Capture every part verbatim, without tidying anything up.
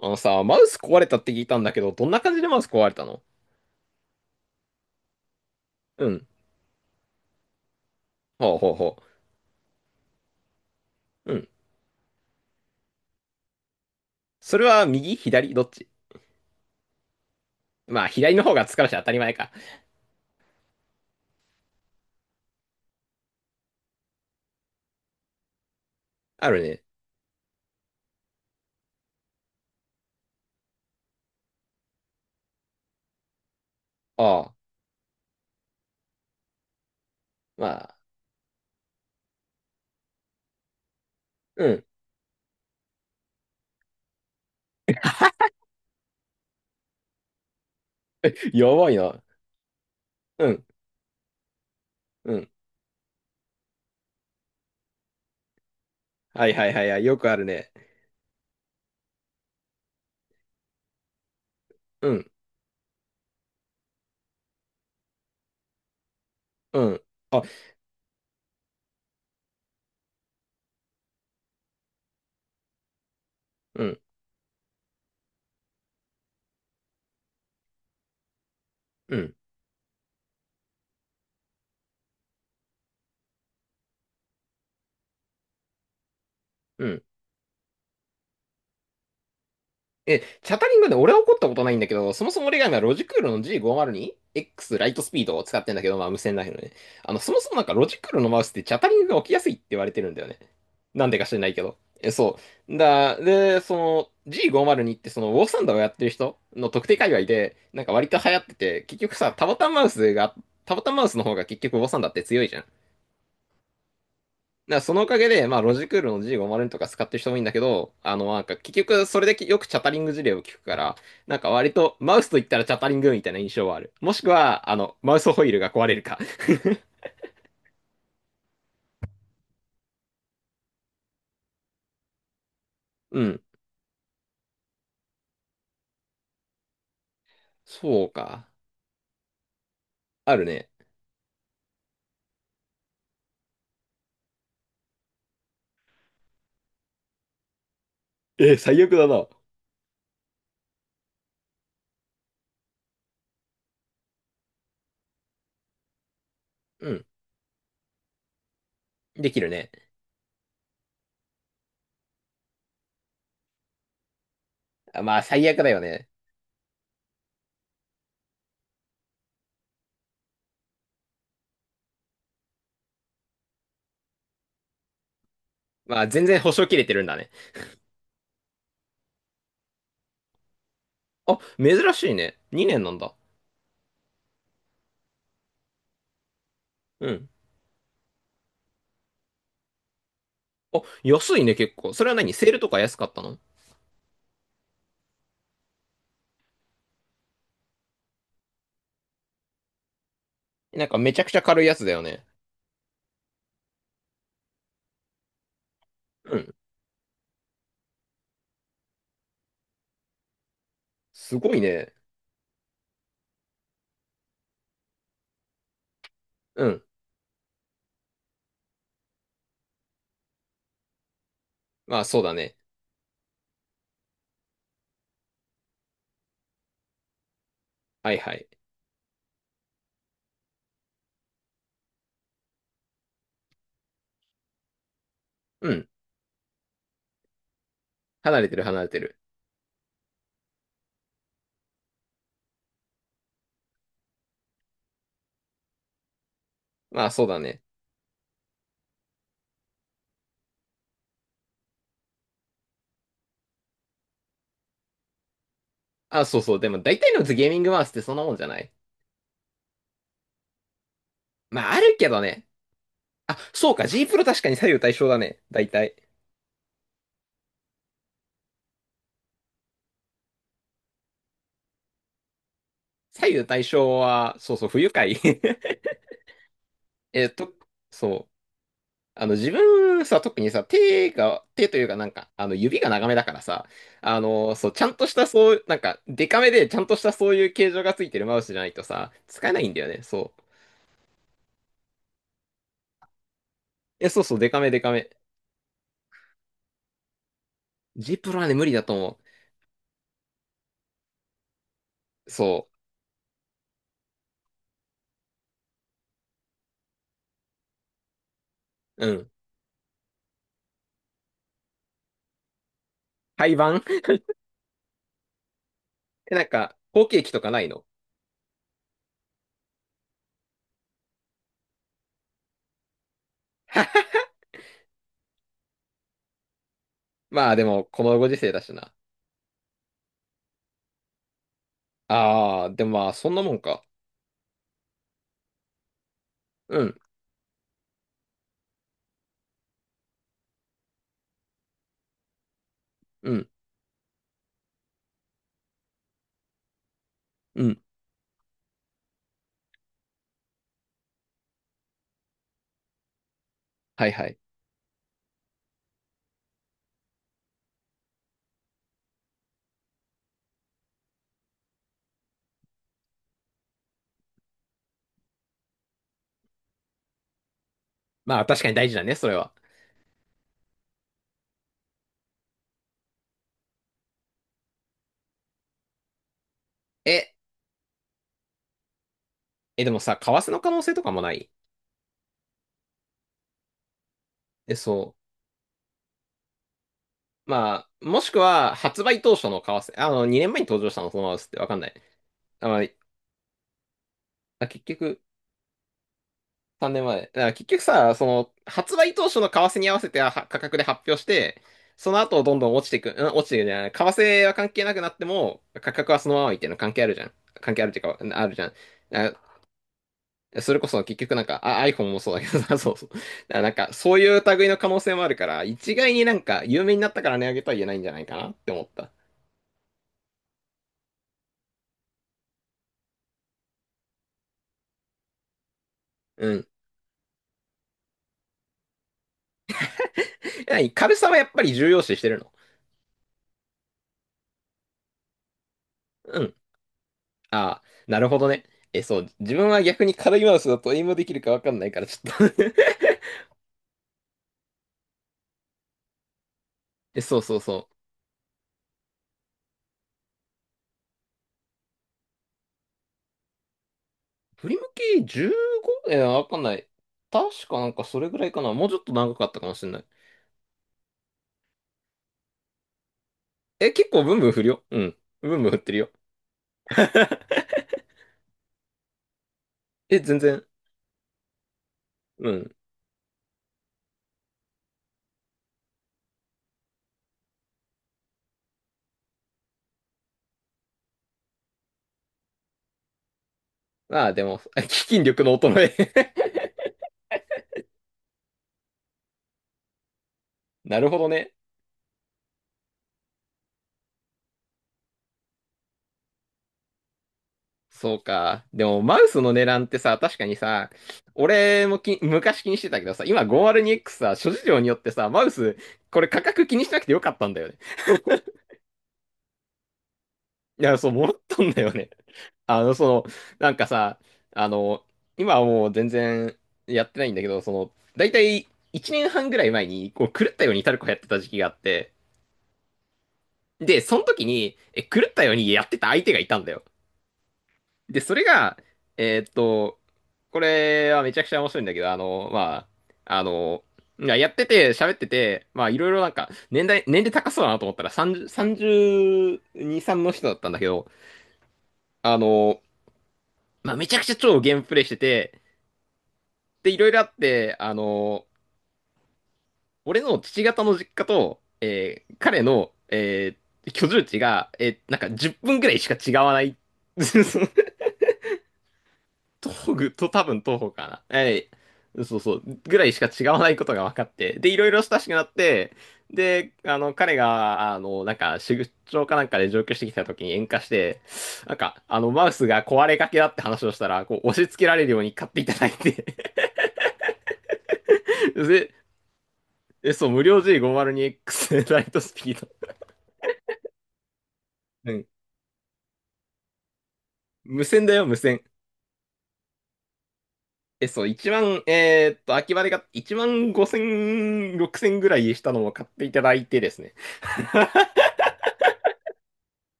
あのさ、マウス壊れたって聞いたんだけど、どんな感じでマウス壊れたの？うん。ほうほうほう。うん。それは右左どっち？まあ、左の方が疲れし当たり前か。あるね。ああ。まあ、うん。やばいな。うん。うん。はいはいはいはい。よくあるね。うん。うん。あ、うん。うん。うん。え、チャタリングで俺は怒ったことないんだけど、そもそも俺が今ロジクールの ジーごーまるにエックス ライトスピードを使ってんだけど、まあ無線ライフのね。あの、そもそもなんかロジクールのマウスってチャタリングが起きやすいって言われてるんだよね。なんでか知らないけど。え、そう。だ、で、その ジーごーまるに ってそのウォーサンダーをやってる人の特定界隈で、なんか割と流行ってて、結局さ、タボタンマウスが、タボタンマウスの方が結局ウォーサンダーって強いじゃん。だからそのおかげで、まあ、ロジクールの ジーごーまる とか使ってる人もいいんだけど、あの、なんか、結局、それでよくチャタリング事例を聞くから、なんか割と、マウスと言ったらチャタリングみたいな印象はある。もしくは、あの、マウスホイールが壊れるか。うん。そうか。あるね。えー、最悪だな。うん。できるね。あ、まあ、最悪だよね。まあ、全然保証切れてるんだね。あ、珍しいね。にねんなんだ。うん。あ、安いね、結構。それは何セールとか安かったの？なんかめちゃくちゃ軽いやつだよね。うん。すごいね。うん。まあ、そうだね。はいはい。うん。離れてる離れてる。まあそうだね。あ、そうそう。でも大体のゲーミングマウスってそんなもんじゃない？まああるけどね。あ、そうか。G プロ確かに左右対称だね。大体。左右対称は、そうそう、不愉快。えっと、そう。あの自分さ、特にさ、手が、手というかなんか、あの指が長めだからさ、あの、そう、ちゃんとしたそう、なんか、デカめでちゃんとしたそういう形状がついてるマウスじゃないとさ、使えないんだよね。そう。え、そうそう、デカめデカめ。G プロはね、無理だと思う。そう。うん。廃盤。 え、なんか、後継機とかないの？ まあでも、このご時世だしな。ああ、でもまあ、そんなもんか。うん、うん、うん。はいはい。まあ確かに大事だね、それは。え、え、でもさ、為替の可能性とかもない？え、そう。まあ、もしくは、発売当初の為替、あの、にねんまえに登場したのそのままですってわかんない。あ、まあ、あ結局、さんねんまえ。だから結局さ、その、発売当初の為替に合わせては価格で発表して、その後どんどん落ちていく、うん、落ちていくじゃない。為替は関係なくなっても、価格はそのままいっていうの関係あるじゃん。関係あるっていうか、あるじゃん。あ、それこそ結局なんか、あ、iPhone もそうだけどさ、そうそう。だからなんか、そういう類の可能性もあるから、一概になんか、有名になったから値上げとは言えないんじゃないかなって思った。うん。え、や軽さはやっぱり重要視してるの？うん。ああ、なるほどね。え、そう、自分は逆に軽いマウスだとエイムできるかわかんないから、ちょっと。 え、そうそうそう。振り向き じゅうご？ え、わかんない。確かなんかそれぐらいかな。もうちょっと長かったかもしれない。え、結構ブンブン振るよ。うん。ブンブン振ってるよ。え、全然。うん。ああ、でも、あ基金力の衰え。 なるほどね。そうか。でも、マウスの値段ってさ、確かにさ、俺もき、昔気にしてたけどさ、今 ごーまるにエックス さ、諸事情によってさ、マウス、これ価格気にしなくてよかったんだよね。いや、そう、戻ったんだよね。あの、その、なんかさ、あの、今はもう全然やってないんだけど、その、だいたいいちねんはんぐらい前に、こう、狂ったようにタルコやってた時期があって、で、その時に、え、狂ったようにやってた相手がいたんだよ。で、それが、えーっと、これはめちゃくちゃ面白いんだけど、あの、まあ、あの、いややってて、喋ってて、まあ、いろいろなんか、年代、年齢高そうだなと思ったら、さんじゅう、さんじゅうに、さんの人だったんだけど、あの、まあ、めちゃくちゃ超ゲームプレイしてて、で、いろいろあって、あの、俺の父方の実家と、えー彼の、えー居住地が、えーなんかじゅっぷんぐらいしか違わない。東具と多分東方かな。えいそうそう。ぐらいしか違わないことが分かって。で、いろいろ親しくなって、で、あの、彼が、あの、なんか、出張かなんかで上京してきた時に喧嘩して、なんか、あの、マウスが壊れかけだって話をしたら、こう、押し付けられるように買っていただいて。 で、え、そう、無料 ジーごーまるにエックス ライトスピード。うん。無線だよ、無線。え、そう、一万、えーっと、秋葉で買っ万ごせん、ろくせんぐらいしたのも買っていただいてですね。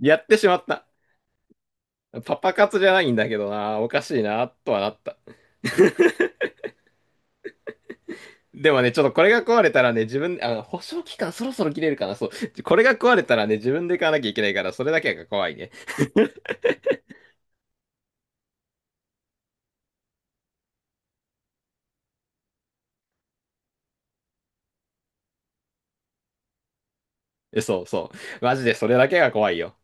やってしまった。パパ活じゃないんだけどな、おかしいな、とはなった。でもね、ちょっとこれが壊れたらね、自分、あ、保証期間そろそろ切れるかな、そう。これが壊れたらね、自分で買わなきゃいけないから、それだけが怖いね。えそうそう。マジでそれだけが怖いよ。